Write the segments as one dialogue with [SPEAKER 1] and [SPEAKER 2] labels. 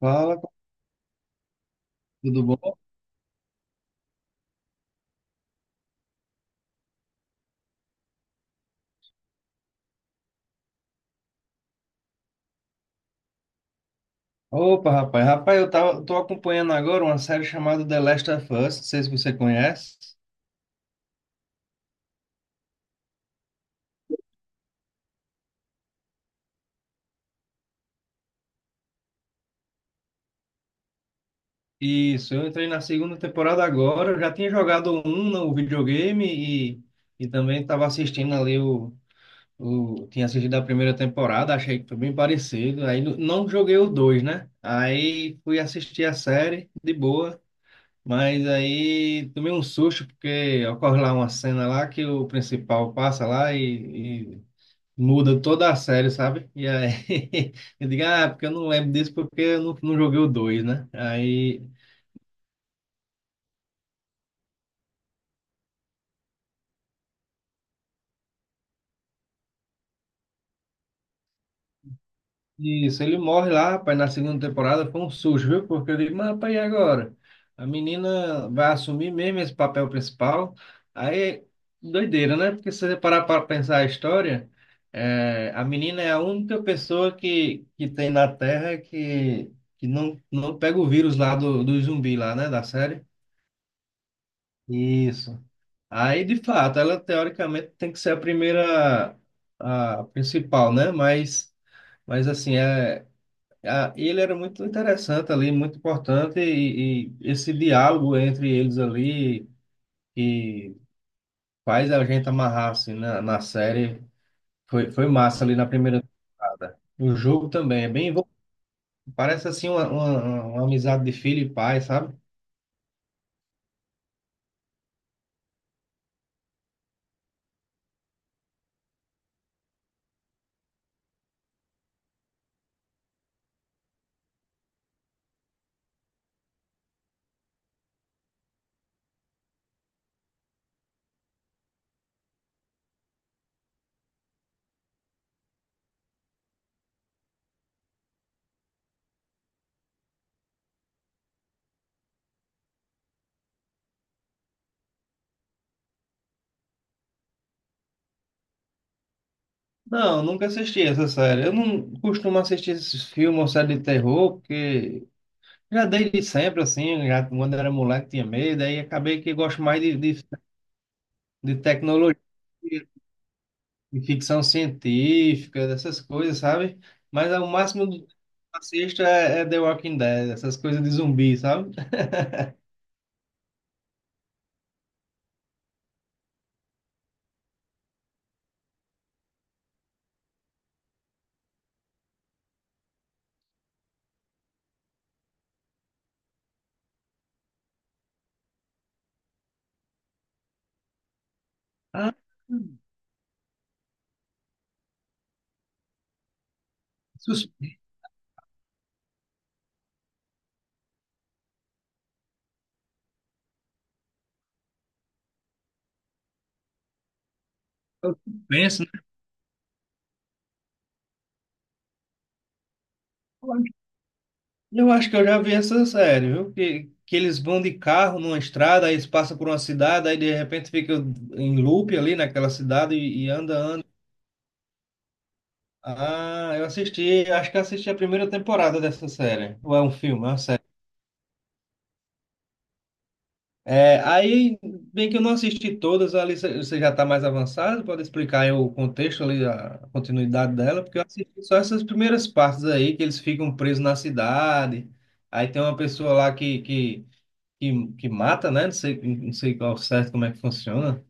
[SPEAKER 1] Fala, tudo bom? Opa, rapaz. Rapaz, tô acompanhando agora uma série chamada The Last of Us, não sei se você conhece. Isso, eu entrei na segunda temporada agora, eu já tinha jogado um no videogame e, e também estava assistindo ali. Tinha assistido a primeira temporada, achei que foi bem parecido. Aí não joguei o dois, né? Aí fui assistir a série, de boa. Mas aí tomei um susto, porque ocorre lá uma cena lá que o principal passa lá e muda toda a série, sabe? E aí eu digo, ah, porque eu não lembro disso porque eu não joguei o 2, né? Aí, isso, ele morre lá, rapaz, na segunda temporada foi um susto, viu? Porque eu digo, mas rapaz, e agora? A menina vai assumir mesmo esse papel principal. Aí, doideira, né? Porque se você parar para pensar a história, é, a menina é a única pessoa que tem na Terra que, que não pega o vírus lá do zumbi lá, né? Da série. Isso. Aí, de fato, ela teoricamente tem que ser a primeira, a principal, né? Mas assim, é, a, ele era muito interessante ali, muito importante, e esse diálogo entre eles ali, que faz a gente amarrar assim, na série, foi massa ali na primeira temporada. O jogo também é bem, envol- parece assim uma amizade de filho e pai, sabe? Não, nunca assisti essa série. Eu não costumo assistir esses filmes ou série de terror, porque já desde sempre, assim, já quando era moleque tinha medo, aí acabei que gosto mais de tecnologia, de ficção científica, dessas coisas, sabe? Mas ao máximo do que eu assisto é, é The Walking Dead, essas coisas de zumbi, sabe? Ah, suspense, né? Eu acho que eu já vi essa série, viu? Que eles vão de carro numa estrada, aí eles passam por uma cidade, aí de repente fica em loop ali naquela cidade e anda, anda. Ah, eu assisti, acho que eu assisti a primeira temporada dessa série. Ou é um filme, é uma série. É, aí, bem que eu não assisti todas, ali você já está mais avançado, pode explicar aí o contexto ali, a continuidade dela, porque eu assisti só essas primeiras partes aí, que eles ficam presos na cidade, aí tem uma pessoa lá que mata, né? Não sei, não sei ao certo como é que funciona.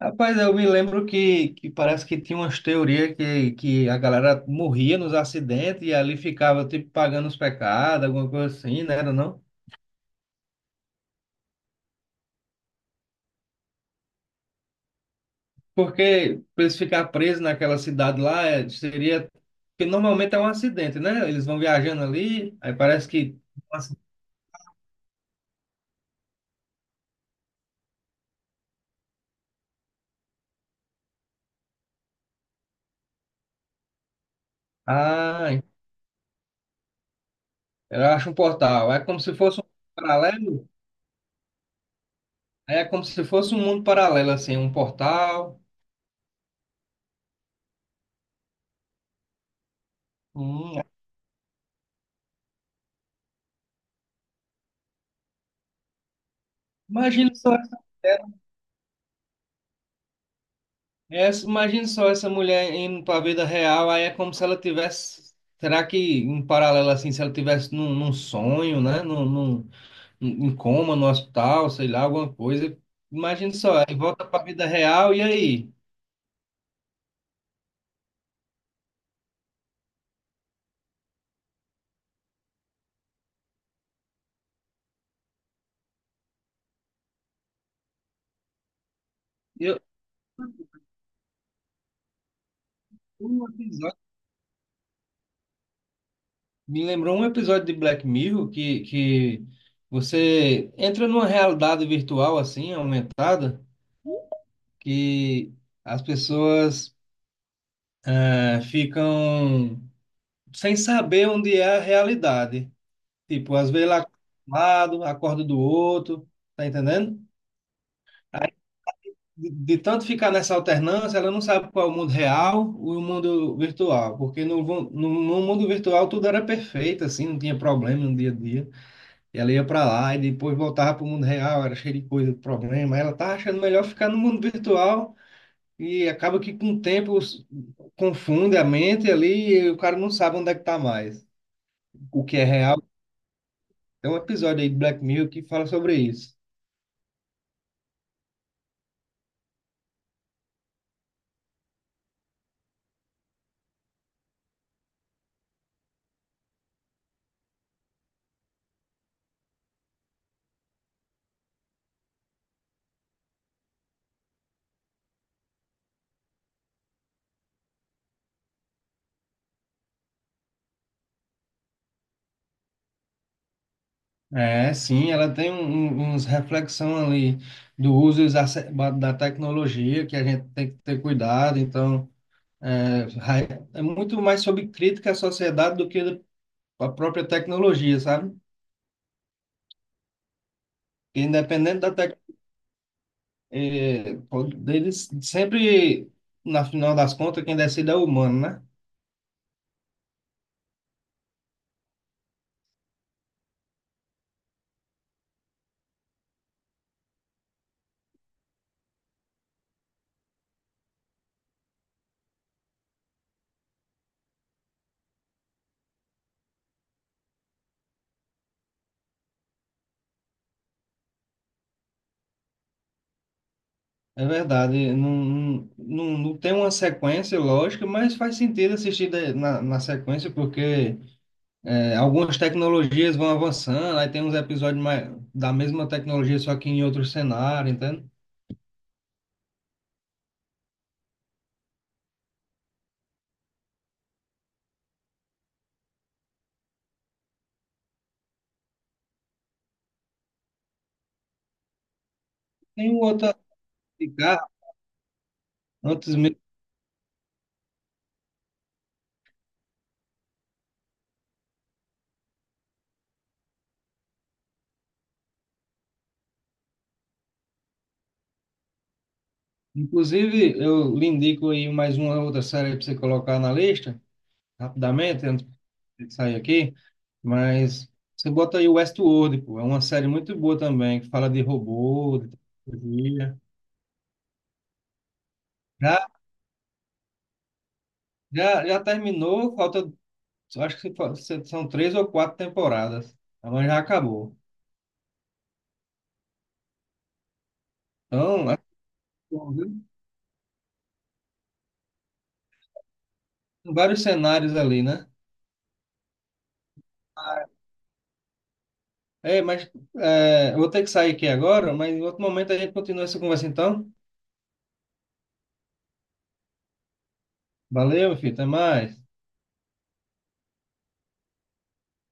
[SPEAKER 1] Rapaz, eu me lembro que parece que tinha umas teorias que a galera morria nos acidentes e ali ficava, tipo, pagando os pecados, alguma coisa assim, né? Era não? Porque para eles ficar presos naquela cidade lá, é, seria... Porque normalmente é um acidente, né? Eles vão viajando ali, aí parece que... Ah, eu acho um portal. É como se fosse um paralelo. É como se fosse um mundo paralelo, assim, um portal. Hum. Imagina só essa mulher, essa- imagina só essa mulher indo para a vida real, aí é como se ela tivesse, será que em paralelo assim, se ela tivesse num sonho, né, num, em coma no hospital, sei lá, alguma coisa. Imagina só, aí volta para a vida real e aí? Eu, um episódio, Me lembrou um episódio de Black Mirror que você entra numa realidade virtual assim, aumentada, que as pessoas ficam sem saber onde é a realidade. Tipo, às vezes lá acorda de um lado, acorda do outro, tá entendendo? Aí, de tanto ficar nessa alternância, ela não sabe qual é o mundo real e o mundo virtual, porque no, vu- no mundo virtual tudo era perfeito, assim, não tinha problema no dia a dia. E ela ia para lá e depois voltava para o mundo real, era cheio de coisa, de problema. Aí ela tá achando melhor ficar no mundo virtual e acaba que com o tempo os- confunde a mente ali e o cara não sabe onde é que tá mais, o que é real. Tem um episódio aí de Black Mirror que fala sobre isso. É, sim, ela tem um, um- uns reflexão ali do uso exacerbado da tecnologia, que a gente tem que ter cuidado. Então, é, ra- é muito mais sobre crítica à sociedade do que a própria tecnologia, sabe? Porque independente da tecnologia, eles sempre, na final das contas, quem decide é o humano, né? É verdade, não, não, não tem uma sequência lógica, mas faz sentido assistir de- na sequência, porque é, algumas tecnologias vão avançando, aí tem uns episódios mais, da mesma tecnologia, só que em outro cenário, entende? Tem um outro a indicar, antes mesmo. Inclusive, eu lhe indico aí mais uma outra série para você colocar na lista, rapidamente, antes de sair aqui, mas você bota aí Westworld, pô, é uma série muito boa também, que fala de robô, de tecnologia. Já, já terminou, falta, acho que fa- são três ou quatro temporadas, mas já acabou. Então, vários cenários ali, né? É, mas é, eu vou ter que sair aqui agora, mas em outro momento a gente continua essa conversa então. Valeu, meu filho, até mais.